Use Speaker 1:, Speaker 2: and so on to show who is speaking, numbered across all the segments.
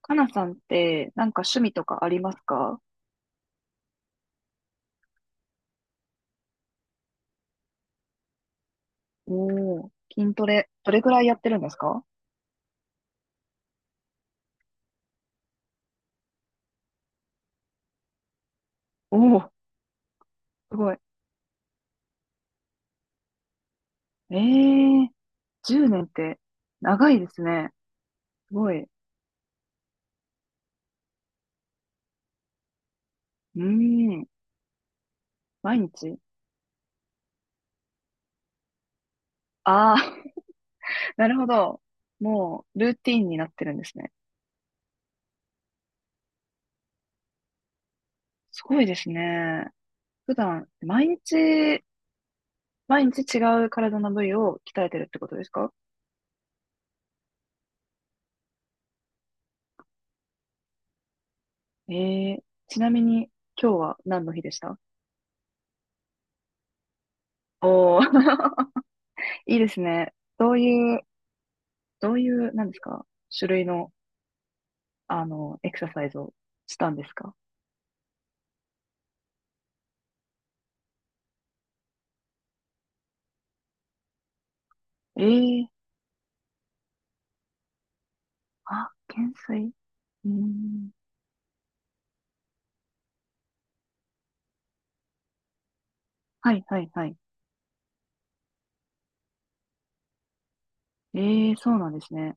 Speaker 1: かなさんって、なんか趣味とかありますか？おおー、筋トレ、どれぐらいやってるんですか？おおー、すごい。ええー、10年って、長いですね。すごい。うーん、毎日。ああー、なるほど。もう、ルーティンになってるんですね。すごいですね。普段、毎日、毎日違う体の部位を鍛えてるってことですか？ええー、ちなみに、今日は何の日でした？おおー、いいですね。どういうどういう、なんですか、種類の、エクササイズをしたんですか？ええ。あ、懸垂。うーん。はい、はい、はい。ええ、そうなんですね。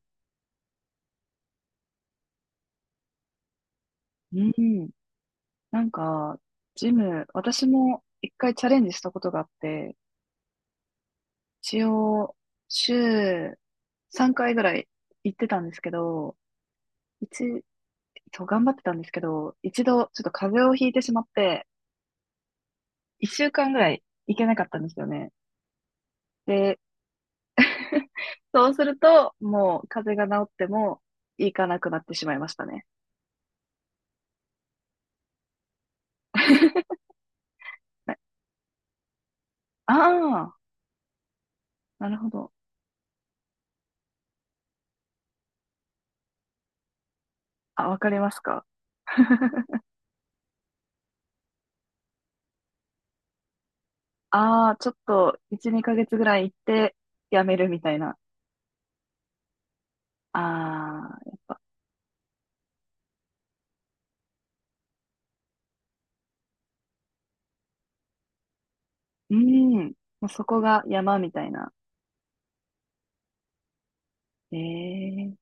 Speaker 1: うん。なんか、ジム、私も一回チャレンジしたことがあって、一応、週3回ぐらい行ってたんですけど、一、そう、頑張ってたんですけど、一度、ちょっと風邪をひいてしまって、一週間ぐらい行けなかったんですよね。で、そうすると、もう風邪が治っても行かなくなってしまいましたね。ああ、なるほど。あ、わかりますか。ああ、ちょっと1、2ヶ月ぐらい行ってやめるみたいな。ああ、うん。もうそこが山みたいな。ええ、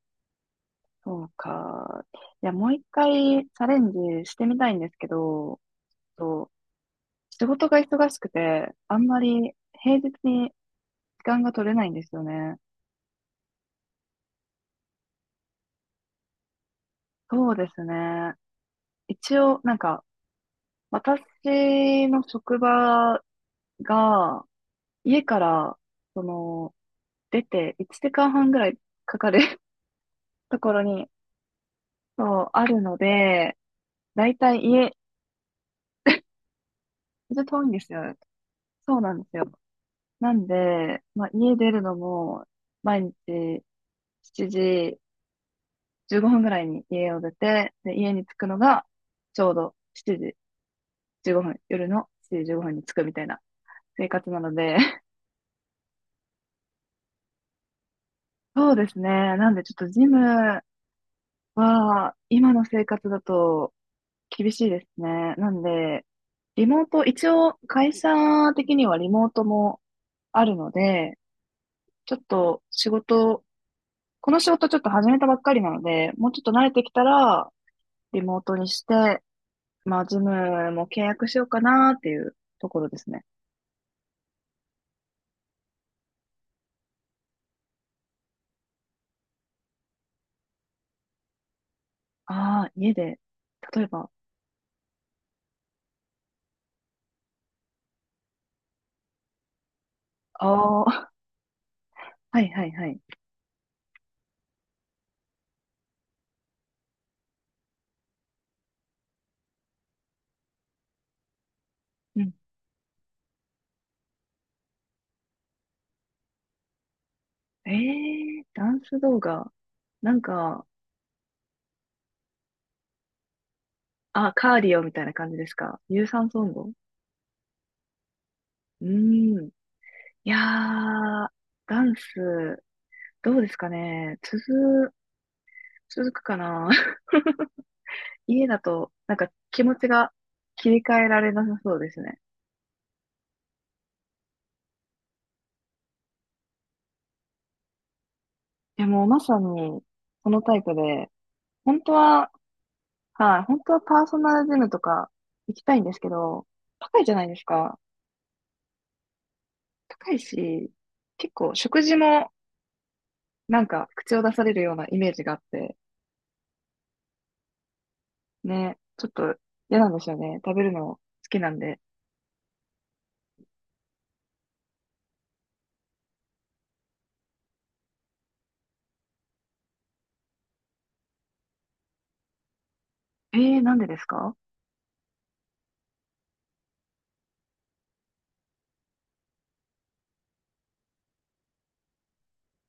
Speaker 1: そうか。いや、もう一回チャレンジしてみたいんですけど、と仕事が忙しくて、あんまり平日に時間が取れないんですよね。そうですね。一応、なんか、私の職場が、家から、その、出て1時間半ぐらいかかる ところに、そう、あるので、だいたい家、ちょっと遠いんですよ。そうなんですよ。なんで、まあ、家出るのも、毎日7時15分ぐらいに家を出て、で、家に着くのが、ちょうど7時15分、夜の7時15分に着くみたいな生活なので、そうですね。なんでちょっとジムは、今の生活だと厳しいですね。なんで、リモート、一応会社的にはリモートもあるので、ちょっと仕事、この仕事ちょっと始めたばっかりなので、もうちょっと慣れてきたら、リモートにして、まあ、ズムも契約しようかなっていうところですね。ああ、家で、例えば、ああ、はいはいはい。うん。ええー、ダンス動画。なんか、あ、カーディオみたいな感じですか？有酸素運動。うん。いやー、ダンス、どうですかね。続くかな。家だと、なんか気持ちが切り替えられなさそうですね。いや、もうまさに、このタイプで、本当は、はい、本当はパーソナルジムとか行きたいんですけど、高いじゃないですか。高いし、結構食事もなんか口を出されるようなイメージがあって、ね、ちょっと嫌なんですよね。食べるの好きなんで。えー、なんでですか？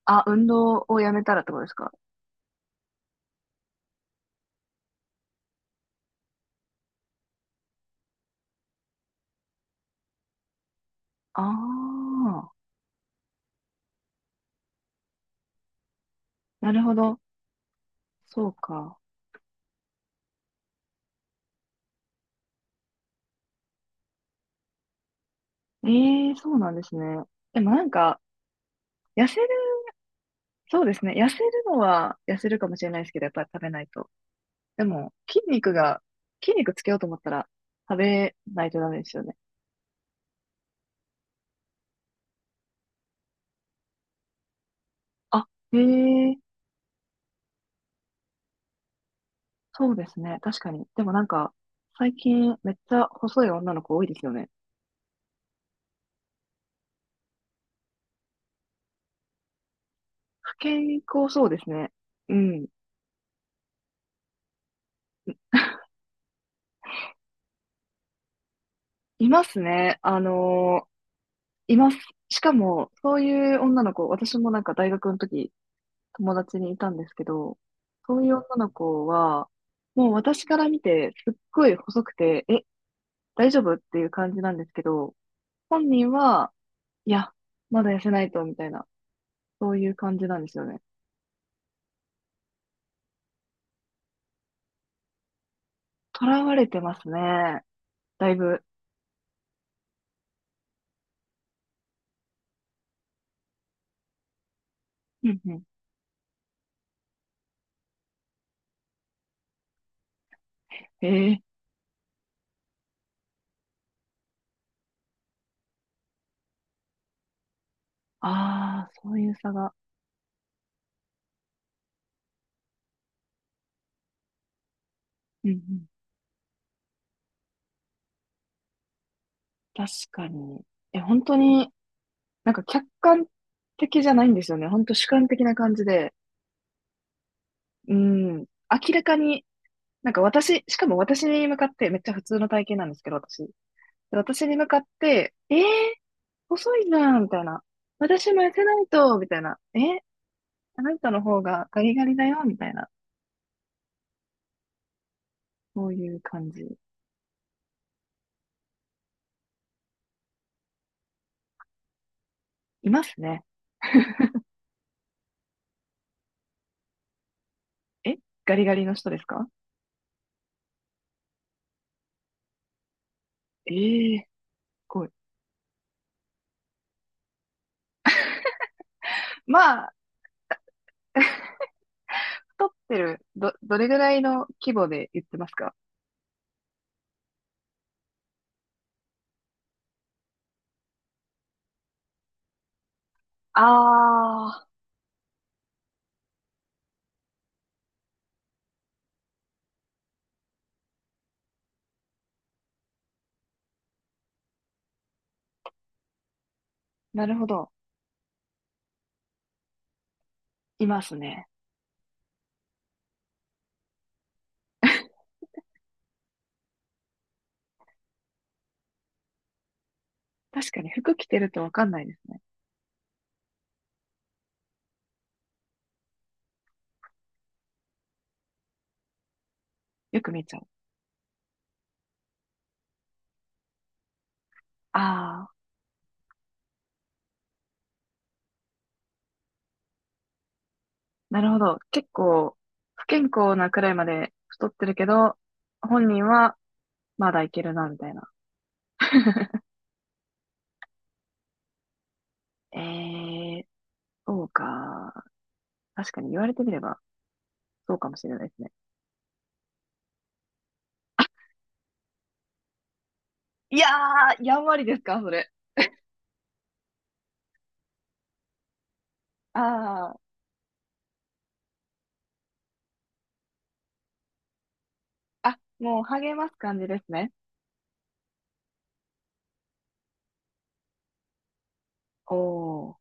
Speaker 1: あ、運動をやめたらってことですか？ああ、なるほど。そうか。ええ、そうなんですね。でもなんか、痩せる、そうですね。痩せるのは痩せるかもしれないですけど、やっぱり食べないと。でも、筋肉が、筋肉つけようと思ったら、食べないとダメですよね。あ、ええ、そうですね。確かに。でもなんか、最近めっちゃ細い女の子多いですよね。不健康そうですね。うん。いますね。います。しかも、そういう女の子、私もなんか大学の時友達にいたんですけど、そういう女の子は、もう私から見てすっごい細くて、え、大丈夫っていう感じなんですけど、本人は、いや、まだ痩せないと、みたいな、そういう感じなんですよね。囚われてますね。だいぶ。うんうん。ええ、ああー、そういう差が。うんうん。確かに。え、本当に、なんか客観的じゃないんですよね。本当主観的な感じで。うん。明らかに、なんか私、しかも私に向かって、めっちゃ普通の体型なんですけど、私。で私に向かって、えー、細いじゃん、みたいな。私も痩せないと、みたいな。えー、あなたの方がガリガリだよ、みたいな。そういう感じ。いますね。え、ガリガリの人ですか？えー、すごい。まあ、太ってる、どれぐらいの規模で言ってますか？あー、なるほど。いますね。確かに服着てるとわかんないですね。よく見ちゃう。あー。なるほど。結構、不健康なくらいまで太ってるけど、本人はまだいけるな、みたいな。えー、そうか。確かに言われてみれば、そうかもしれないですね。いやー、やんわりですか、それ。あー、あ、もう励ます感じですね。おー。